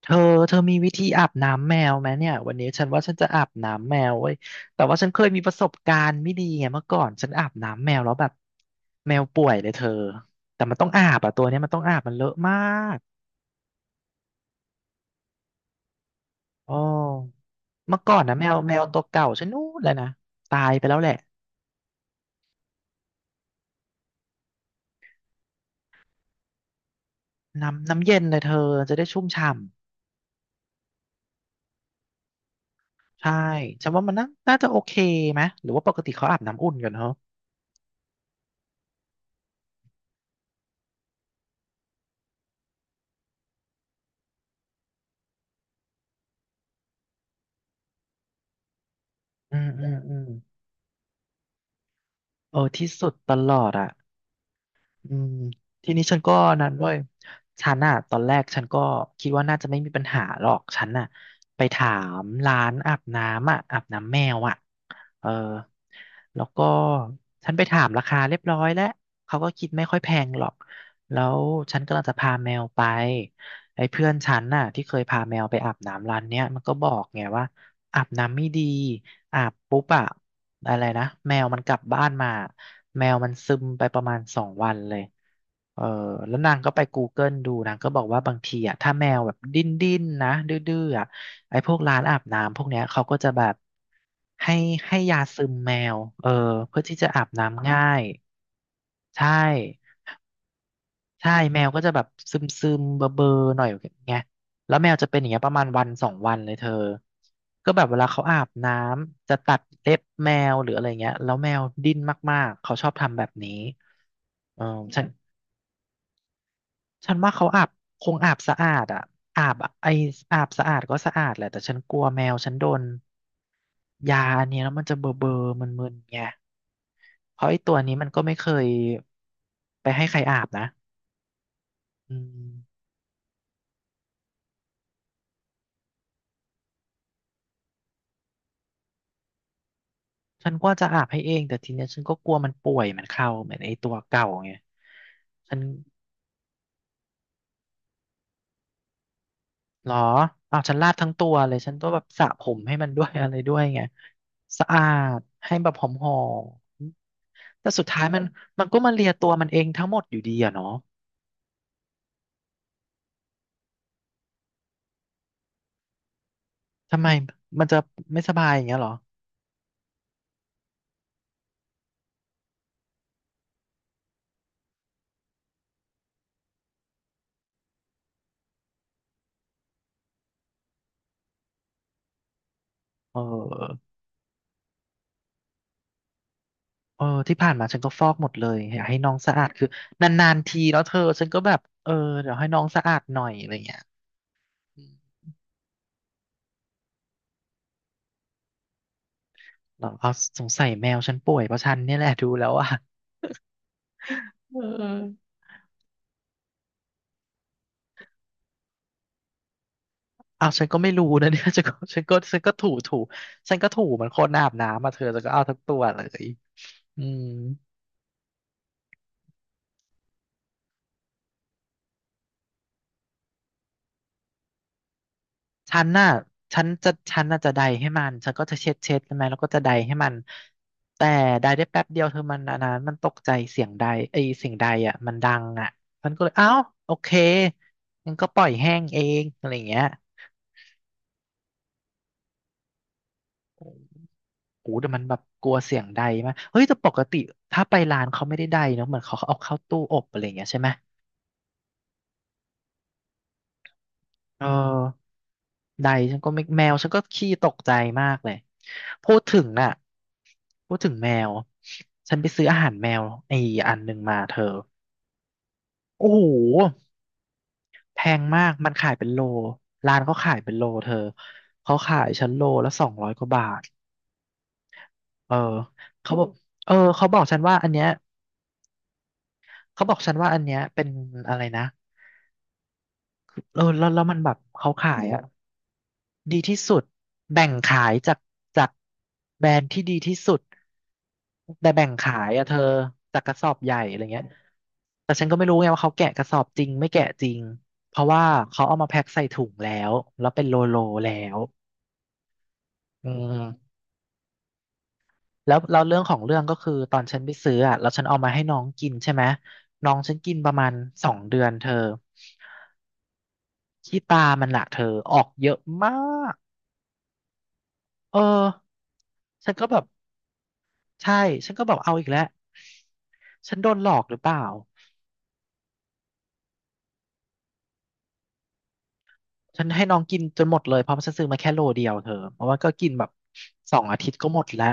เธอเธอมีวิธีอาบน้ำแมวไหมเนี่ยวันนี้ฉันว่าฉันจะอาบน้ำแมวเว้ยแต่ว่าฉันเคยมีประสบการณ์ไม่ดีไงเมื่อก่อนฉันอาบน้ำแมวแล้วแบบแมวป่วยเลยเธอแต่มันต้องอาบอะตัวเนี้ยมันต้องอาบมันเลอะมากอ๋อเมื่อก่อนนะแมวตัวเก่าฉันนู้นเลยนะตายไปแล้วแหละน้ำเย็นเลยเธอจะได้ชุ่มฉ่ำใช่ฉันว่ามันน่าจะโอเคไหมหรือว่าปกติเขาอาบน้ำอุ่นกันเหรออืมอืมอืมเออที่สุดตลอดอะ อืมทีนี้ฉันก็นั้นเว้ยฉันอะตอนแรกฉันก็คิดว่าน่าจะไม่มีปัญหาหรอก ฉันอะไปถามร้านอาบน้ำอะอาบน้ำแมวอะเออแล้วก็ฉันไปถามราคาเรียบร้อยแล้วเขาก็คิดไม่ค่อยแพงหรอก แล้วฉันกำลังจะพาแมวไปไอ้เพื่อนฉันน่ะที่เคยพาแมวไปอาบน้ำร้านเนี้ยมันก็บอกไงว่าอาบน้ำไม่ดี อาบปุ๊บอะอะไรนะแมวมันกลับบ้านมาแมวมันซึมไปประมาณสองวันเลยเออแล้วนางก็ไป Google ดูนางก็บอกว่าบางทีอะถ้าแมวแบบดิ้นดิ้นนะดื้อๆอะไอ้พวกร้านอาบน้ำพวกเนี้ยเขาก็จะแบบให้ให้ยาซึมแมวเออเพื่อที่จะอาบน้ำง่ายใช่ ใช่แมวก็จะแบบซึมซึมเบอเบอร์ๆหน่อยไงเงี้ยแล้วแมวจะเป็นอย่างเงี้ยประมาณ1-2 วันเลยเธอก็แบบเวลาเขาอาบน้ำจะตัดเล็บแมวหรืออะไรเงี้ยแล้วแมวดิ้นมากๆเขาชอบทำแบบนี้เออฉันฉันว่าเขาอาบคงอาบสะอาดอ่ะอาบอะไออาบสะอาดก็สะอาดแหละแต่ฉันกลัวแมวฉันโดนยาอันเนี้ยแล้วมันจะเบอเบอร์มึนๆไงเพราะไอตัวนี้มันก็ไม่เคยไปให้ใครอาบนะอืม ฉันก็จะอาบให้เองแต่ทีเนี้ยฉันก็กลัวมันป่วยมันเข้าเหมือนไอ้ตัวเก่าไงฉันหรออ้าวฉันลาดทั้งตัวเลยฉันต้องแบบสระผมให้มันด้วย อะไรด้วยไงสะอาดให้แบบหอมๆแต่สุดท้ายมันมันก็มาเลียตัวมันเองทั้งหมดอยู่ดีอะเนาะทำไมมันจะไม่สบายอย่างเงี้ยเหรอเออเออที่ผ่านมาฉันก็ฟอกหมดเลยอยากให้น้องสะอาดคือนานๆทีแล้วเธอฉันก็แบบเออเดี๋ยวให้น้องสะอาดหน่อยอะไรเงี้ย เหรอเอาสงสัยแมวฉันป่วยเพราะฉันเนี่ยแหละดูแล้วอ่ะเออเอ้าฉันก็ไม่รู้นะเนี่ย ฉันก็ถูถูฉันก็ถูเหมันคนอาบน้ำมาเธอแันวก็เอาทั้งตัวเลยอืมฉันน่ะฉันจะฉันน่ะจะใดให้มันฉันก็จะเช็ดเช็ดใช่ไหมแล้วก็จะใดให้มันแต่ใดได้แป๊บเดียวเธอมันอันนั้นมันตกใจเสียงใดไอยเสียงใดอ่ะมันดังอ่ะมันก็เลยอ้าวโอเคงั้นก็ปล่อยแห้งเองอะไรอย่างเงี้ย โอ้แต่มันแบบกลัวเสียงใดมากเฮ้ยแต่ปกติถ้าไปร้านเขาไม่ได้ใดเนอะเหมือนเขาเอาเข้าตู้อบอะไรอย่างเงี้ยใช่ไหมเออใดฉันก็ไม่แมวฉันก็ขี้ตกใจมากเลยพูดถึงน่ะพูดถึงแมวฉันไปซื้ออาหารแมวไอ้อันหนึ่งมาเธอโอ้โหแพงมากมันขายเป็นโลร้านเขาขายเป็นโลเธอเขาขายฉันโลละ200 กว่าบาทเออเขาบอกเออเขาบอกฉันว่าอันเนี้ยเขาบอกฉันว่าอันเนี้ยเป็นอะไรนะ เออแล้วมันแบบเขาขายเนะอะดีที่สุดแบ่งขายจากแบรนด์ที่ดีที่สุดแต่แบ่งขายอะเธอจากกระสอบใหญ่อะไรเงี้ยแต่ฉันก็ไม่รู้ไงว่าเขาแกะกระสอบจริงไม่แกะจริงเพราะว่าเขาเอามาแพ็คใส่ถุงแล้วแล้วเป็นโลโลแล้วอืมแล้วเราเรื่องของเรื่องก็คือตอนฉันไปซื้ออะแล้วฉันเอามาให้น้องกินใช่ไหมน้องฉันกินประมาณ2 เดือนเธอขี้ตามันละเธอออกเยอะมากเออฉันก็แบบ ใช่ ฉันก็แบบเอาอีกแล้วฉันโดนหลอกหรือเปล่าฉันให้น้องกินจนหมดเลยเพราะฉันซื้อมาแค่โลเดียวเธอเพราะว่าก็กินแบบสองอาทิตย์ก็หมดแล้ว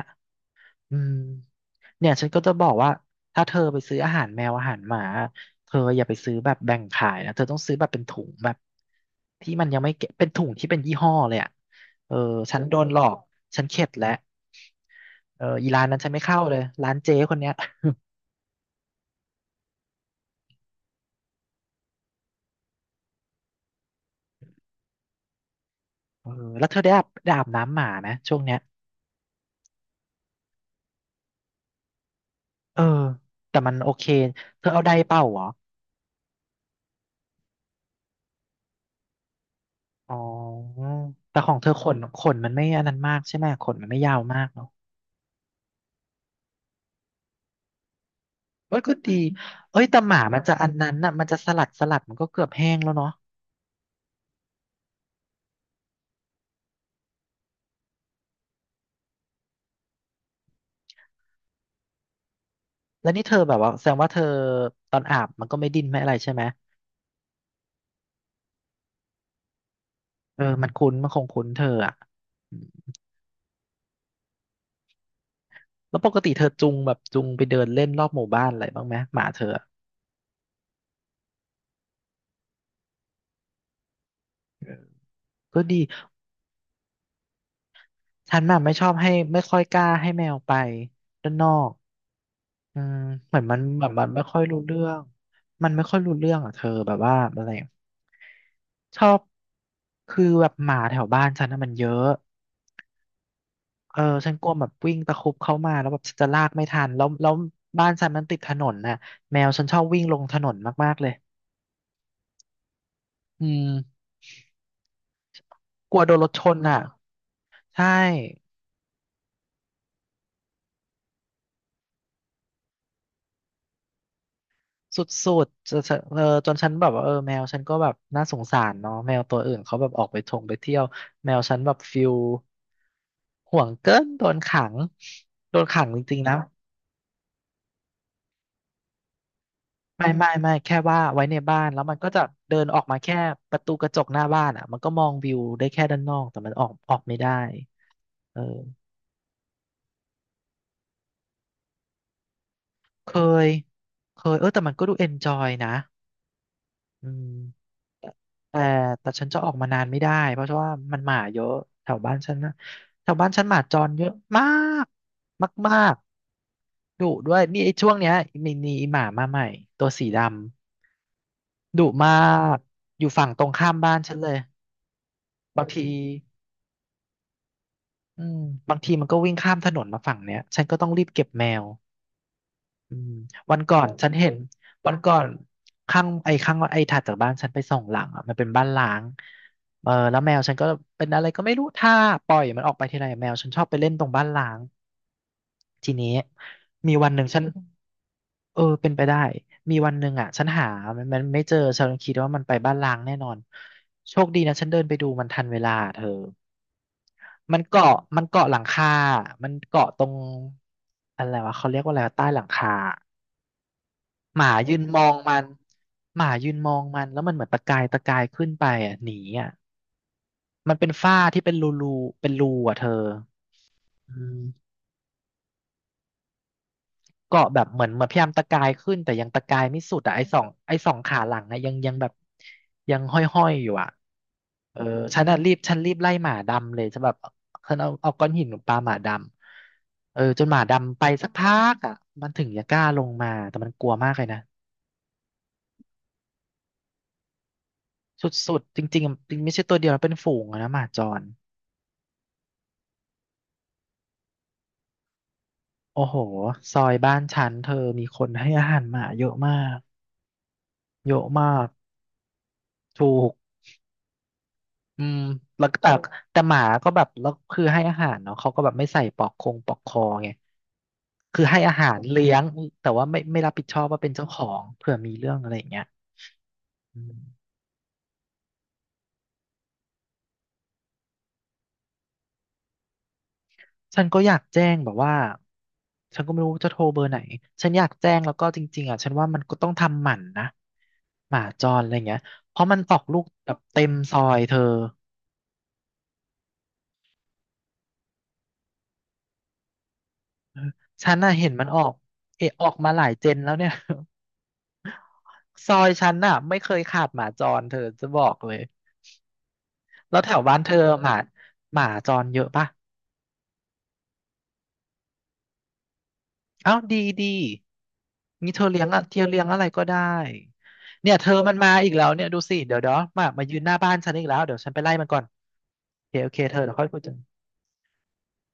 อืมเนี่ยฉันก็จะบอกว่าถ้าเธอไปซื้ออาหารแมวอาหารหมาเธออย่าไปซื้อแบบแบ่งขายนะเธอต้องซื้อแบบเป็นถุงแบบที่มันยังไม่เก็บเป็นถุงที่เป็นยี่ห้อเลยอ่ะเออฉันโดนหลอกฉันเข็ดแล้วเอออีร้านนั้นฉันไม่เข้าเลยร้านเจ๊คนเนี้ยเออแล้วเธอได้อาบน้ำหมาไหมช่วงเนี้ย เออ แต่มันโอเค เธอเอาไดเป่าเหรออ๋อแต่ของเธอขนมันไม่อันนั้นมากใช่ไหมขนมันไม่ยาวมากเนาะเอ้ยก็ดีเอ้ยแต่หมามันจะอันนั้นน่ะมันจะสลัดมันก็เกือบแห้งแล้วเนาะแล้วนี่เธอแบบว่าแสดงว่าเธอตอนอาบมันก็ไม่ดิ้นไม่อะไรใช่ไหมเออมันคุ้นมันคงคุ้นเธออ่ะอืมแล้วปกติเธอจูงแบบจูงไปเดินเล่นรอบหมู่บ้านอะไรบ้างไหมหมาเธออะเออก็ดีฉันน่ะไม่ชอบให้ไม่ค่อยกล้าให้แมวไปด้านนอก อืมเหมือนมันแบบมันไม่ค่อยรู้เรื่องมันไม่ค่อยรู้เรื่องอ่ะเธอแบบว่าอะไรอะชอบคือแบบหมาแถวบ้านฉันน่ะมันเยอะเออฉันกลัวแบบวิ่งตะครุบเข้ามาแล้วแบบฉันจะลากไม่ทันแล้วบ้านฉันมันติดถนนน่ะแมวฉันชอบวิ่งลงถนนมากๆเลยอืมกลัวโดนรถชนอ่ะใช่ สุดๆจะจะเออจนฉันแบบว่าเออแมวฉันก็แบบน่าสงสารเนาะแมวตัวอื่นเขาแบบออกไปทงไปเที่ยวแมวฉันแบบฟิลห่วงเกินโดนขังโดนขังจริงๆนะไม่แค่ว่าไว้ในบ้านแล้วมันก็จะเดินออกมาแค่ประตูกระจกหน้าบ้านอ่ะมันก็มองวิวได้แค่ด้านนอกแต่มันออกไม่ได้เออเคยเคยเออแต่มันก็ดูเอนจอยนะอืม แต่แต่ฉันจะออกมานานไม่ได้เพราะว่ามันหมาเยอะแถวบ้านฉันนะแถวบ้านฉันหมาจรเยอะมากมากๆดุด้วยนี่ไอ้ช่วงเนี้ยมีหมามาใหม่ตัวสีดำดุมากอยู่ฝั่งตรงข้ามบ้านฉันเลยบางทีอืมบางทีมันก็วิ่งข้ามถนนมาฝั่งเนี้ยฉันก็ต้องรีบเก็บแมว อืมวันก่อนฉันเห็นวันก่อนข้างไอ้ถัดจากบ้านฉันไปส่งหลังอ่ะมันเป็นบ้านล้างเออแล้วแมวฉันก็เป็นอะไรก็ไม่รู้ถ้าปล่อยมันออกไปทีไรแมวฉันชอบไปเล่นตรงบ้านล้างทีนี้มีวันหนึ่งฉันเออเป็นไปได้มีวันหนึ่งอ่ะฉันหามันไม่เจอฉันคิดว่ามันไปบ้านล้างแน่นอนโชคดีนะฉันเดินไปดูมันทันเวลาเธอมันเกาะหลังคามันเกาะตรงอะไรวะเขาเรียกว่าอะไรวะใต้หลังคา หมายืนมองมันหมายืนมองมันแล้วมันเหมือนตะกายขึ้นไปอ่ะหนีอ่ะมันเป็นฝ้าที่เป็นรูเป็นรูอ่ะเธออืมเกาะแบบเหมือนพยายามตะกายขึ้นแต่ยังตะกายไม่สุดอ่ะไอ้สองขาหลังอะยังแบบยังห้อยๆอยู่อ่ะเออฉันอ่ะรีบฉันรีบไล่หมาดำเลยฉันแบบฉันเอาก้อนหินปาหมาดำเออจนหมาดำไปสักพักอ่ะมันถึงจะกล้าลงมาแต่มันกลัวมากเลยนะ สุดๆจริงๆจริงไม่ใช่ตัวเดียวนะเป็นฝูงอะนะหมาจรโอ้โหซอยบ้านฉันเธอมีคนให้อาหารหมาเยอะมากเยอะมากถูกอืมแล้วก็แต่หมาก็แบบแล้วคือให้อาหารเนาะเขาก็แบบไม่ใส่ปลอกคอไงคือให้อาหารเลี้ยงแต่ว่าไม่รับผิดชอบว่าเป็นเจ้าของเผื่อมีเรื่องอะไรอย่างเงี้ยอืม ฉันก็อยากแจ้งแบบว่าฉันก็ไม่รู้จะโทรเบอร์ไหน ฉันอยากแจ้งแล้วก็จริงๆอ่ะฉันว่ามันก็ต้องทำหมันนะหมาจรอะไรเงี้ยเพราะมันออกลูกแบบเต็มซอยเธอฉันน่ะเห็นมันออกเอะออกมาหลายเจนแล้วเนี่ย ซอยฉันน่ะไม่เคยขาดหมาจรเธอจะบอกเลยแล้วแถวบ้านเธอหมาจรเยอะปะ อ้าวดีดีงี้เธอเลี้ยงอะเธอเลี้ยงอะไรก็ได้เนี่ยเธอมันมาอีกแล้วเนี่ยดูสิเดี๋ยวมายืนหน้าบ้านฉันอีกแล้วเดี๋ยวฉันไปไล่มันก่อนโอเคเธอเดี๋ยวค่อยคุยกัน